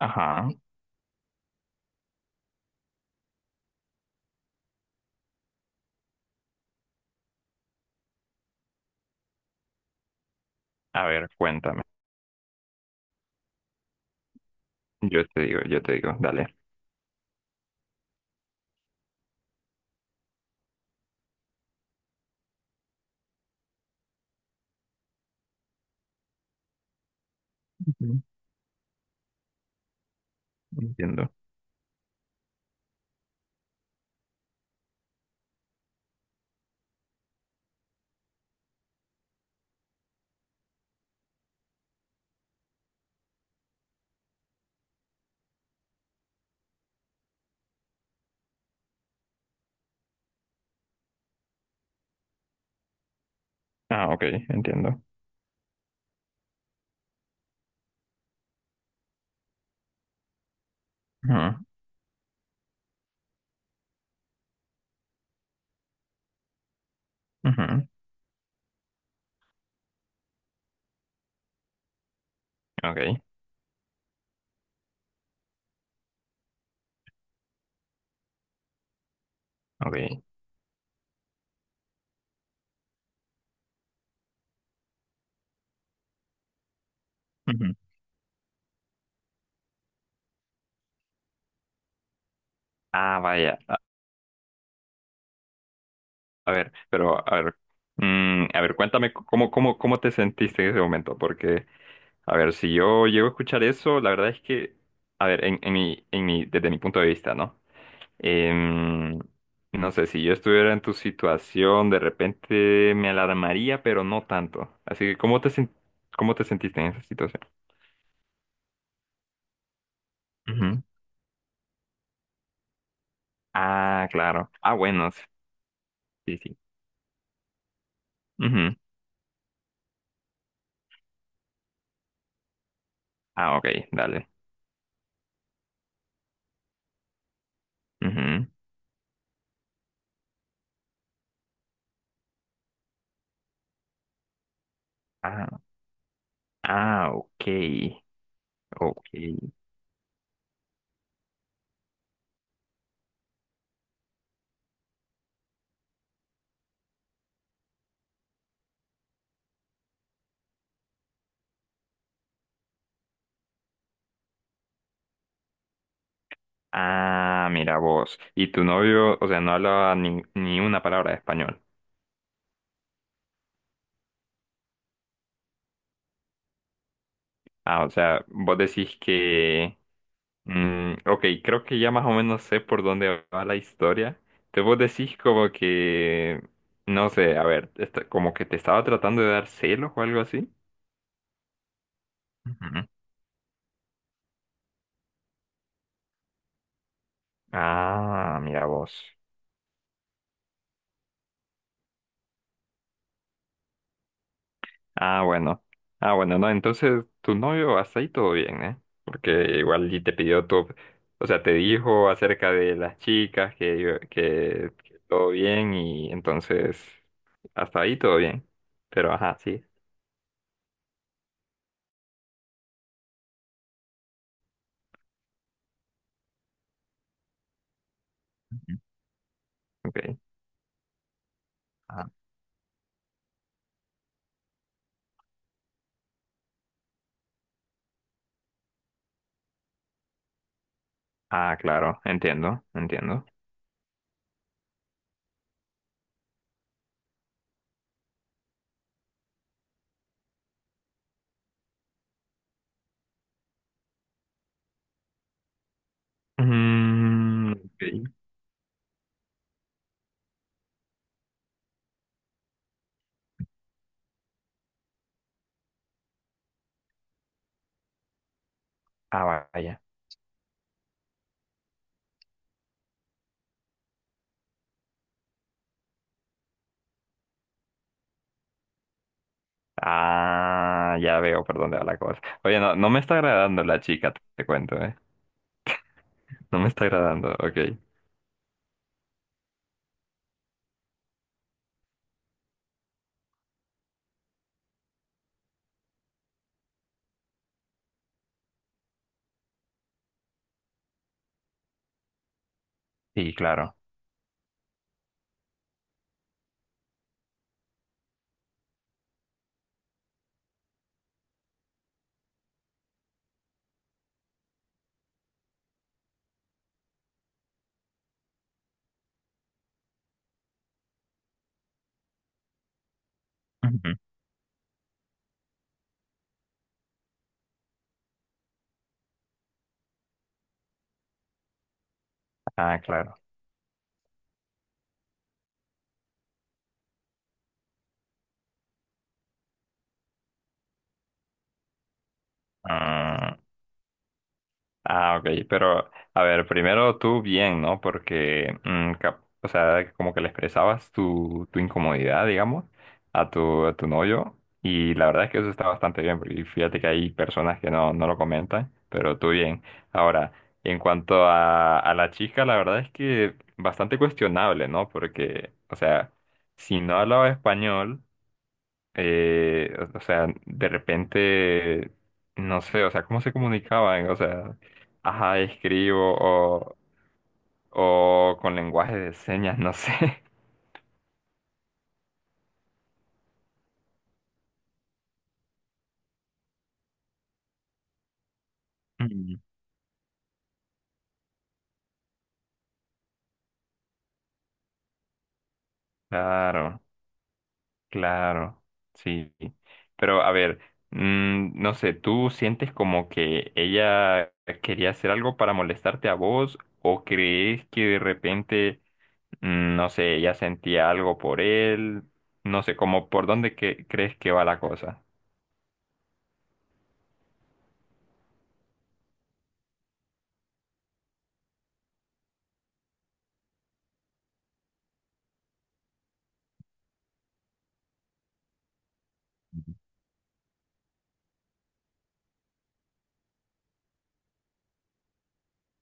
Ajá. A ver, cuéntame. Yo te digo, dale. Ujú. Entiendo. Ah, ok, entiendo. Ajá, ajá, Ok, ok. Ujú. Ah, vaya. A ver, pero, a ver. Mm, a ver, cuéntame cómo, cómo te sentiste en ese momento. Porque, a ver, si yo llego a escuchar eso, la verdad es que, a ver, en en mi, desde mi punto de vista, ¿no? Em, no sé, si yo estuviera en tu situación, de repente me alarmaría, pero no tanto. Así que, ¿cómo te, cómo te sentiste en esa situación? Ujú. Ah, claro. Ah, bueno, sí, sí. Sí. Ujú. Ah, ok, dale. Ujú. Ah, ah, ok. Ah, mira vos. Y tu novio, o sea, no hablaba ni una palabra de español. Ah, o sea, vos decís que... Mm, ok, creo que ya más o menos sé por dónde va la historia. Te vos decís como que, no sé, a ver, como que te estaba tratando de dar celos o algo así. Ujú. Ah, mira vos. Ah, bueno. Ah, bueno, no, entonces tu novio hasta ahí todo bien, ¿eh? Porque igual y te pidió todo, o sea, te dijo acerca de las chicas que todo bien y entonces hasta ahí todo bien. Pero ajá, sí. Ujú. Ok. Ah, claro, entiendo, entiendo. Mm, ok. Ah, vaya. Ah, ya veo por dónde va la cosa. Oye, no me está agradando la chica, te cuento, ¿eh? No me está agradando, ok. Sí, claro. Ujú. Ah, claro. Ah. Ah, ok, pero a ver, primero tú bien, ¿no? Porque, mm, o sea, como que le expresabas tu, tu incomodidad, digamos, a tu novio, y la verdad es que eso está bastante bien, porque fíjate que hay personas que no, no lo comentan, pero tú bien. Ahora, en cuanto a la chica, la verdad es que bastante cuestionable, ¿no? Porque, o sea, si no hablaba español o sea, de repente, no sé, o sea, ¿cómo se comunicaban? O sea, ajá, escribo o con lenguaje de señas, no sé. Mm. Claro, claro, sí. Pero a ver, mm, no sé, ¿tú sientes como que ella quería hacer algo para molestarte a vos o crees que de repente, mm, no sé, ella sentía algo por él? No sé, como por dónde crees que va la cosa.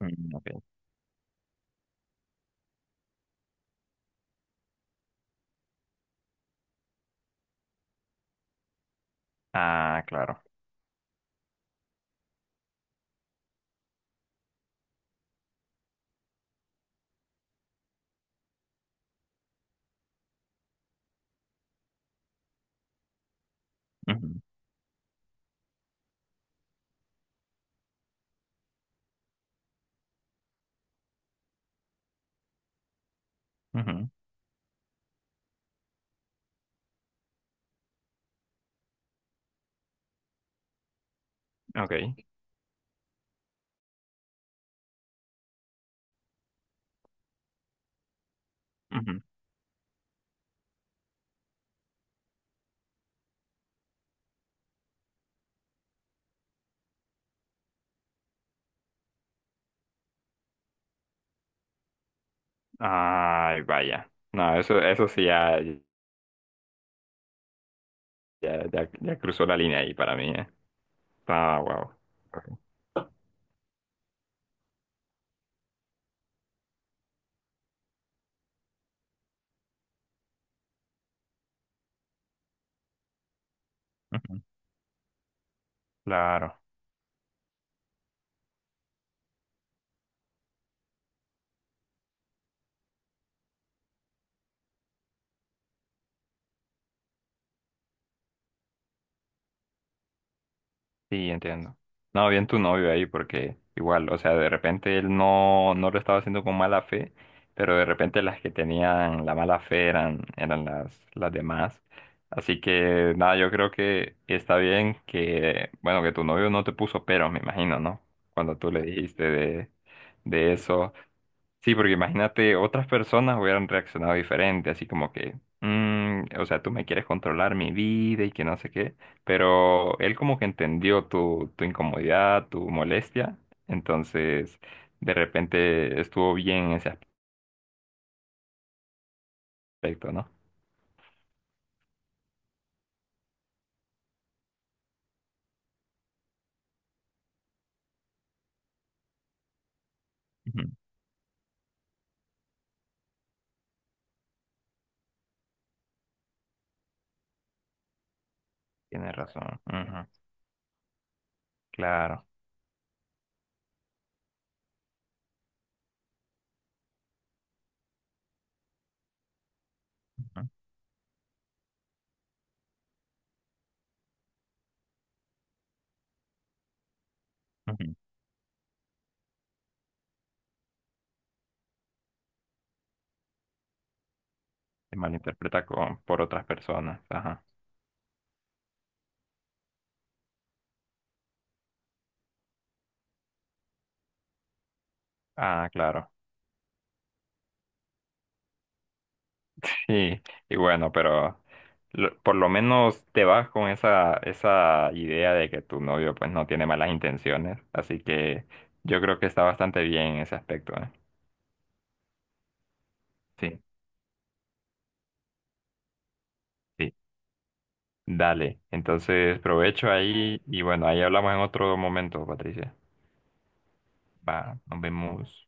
Mm, ok. Ah, claro. Ujú, ujú, ok. Ujú. Ay, vaya. No, eso sí ya, ya cruzó la línea ahí para mí, ¿eh? Ah, wow. Claro. Sí, entiendo. No, bien tu novio ahí, porque igual, o sea, de repente él no, no lo estaba haciendo con mala fe, pero de repente las que tenían la mala fe eran las demás. Así que nada, yo creo que está bien que, bueno, que tu novio no te puso peros, me imagino, ¿no? Cuando tú le dijiste de eso. Sí, porque imagínate, otras personas hubieran reaccionado diferente, así como que, "Mm, o sea, tú me quieres controlar mi vida y que no sé qué", pero él como que entendió tu, tu incomodidad, tu molestia, entonces de repente estuvo bien en ese aspecto, ¿no? Ujú. Tienes razón, ujú, claro. Ujú. Ujú. Se malinterpreta con, por otras personas, ajá, ah, claro. Sí, y bueno, pero por lo menos te vas con esa, esa idea de que tu novio pues no tiene malas intenciones, así que yo creo que está bastante bien en ese aspecto, ¿eh? Sí, sí. Dale, entonces provecho ahí y bueno, ahí hablamos en otro momento, Patricia. Va, nos vemos.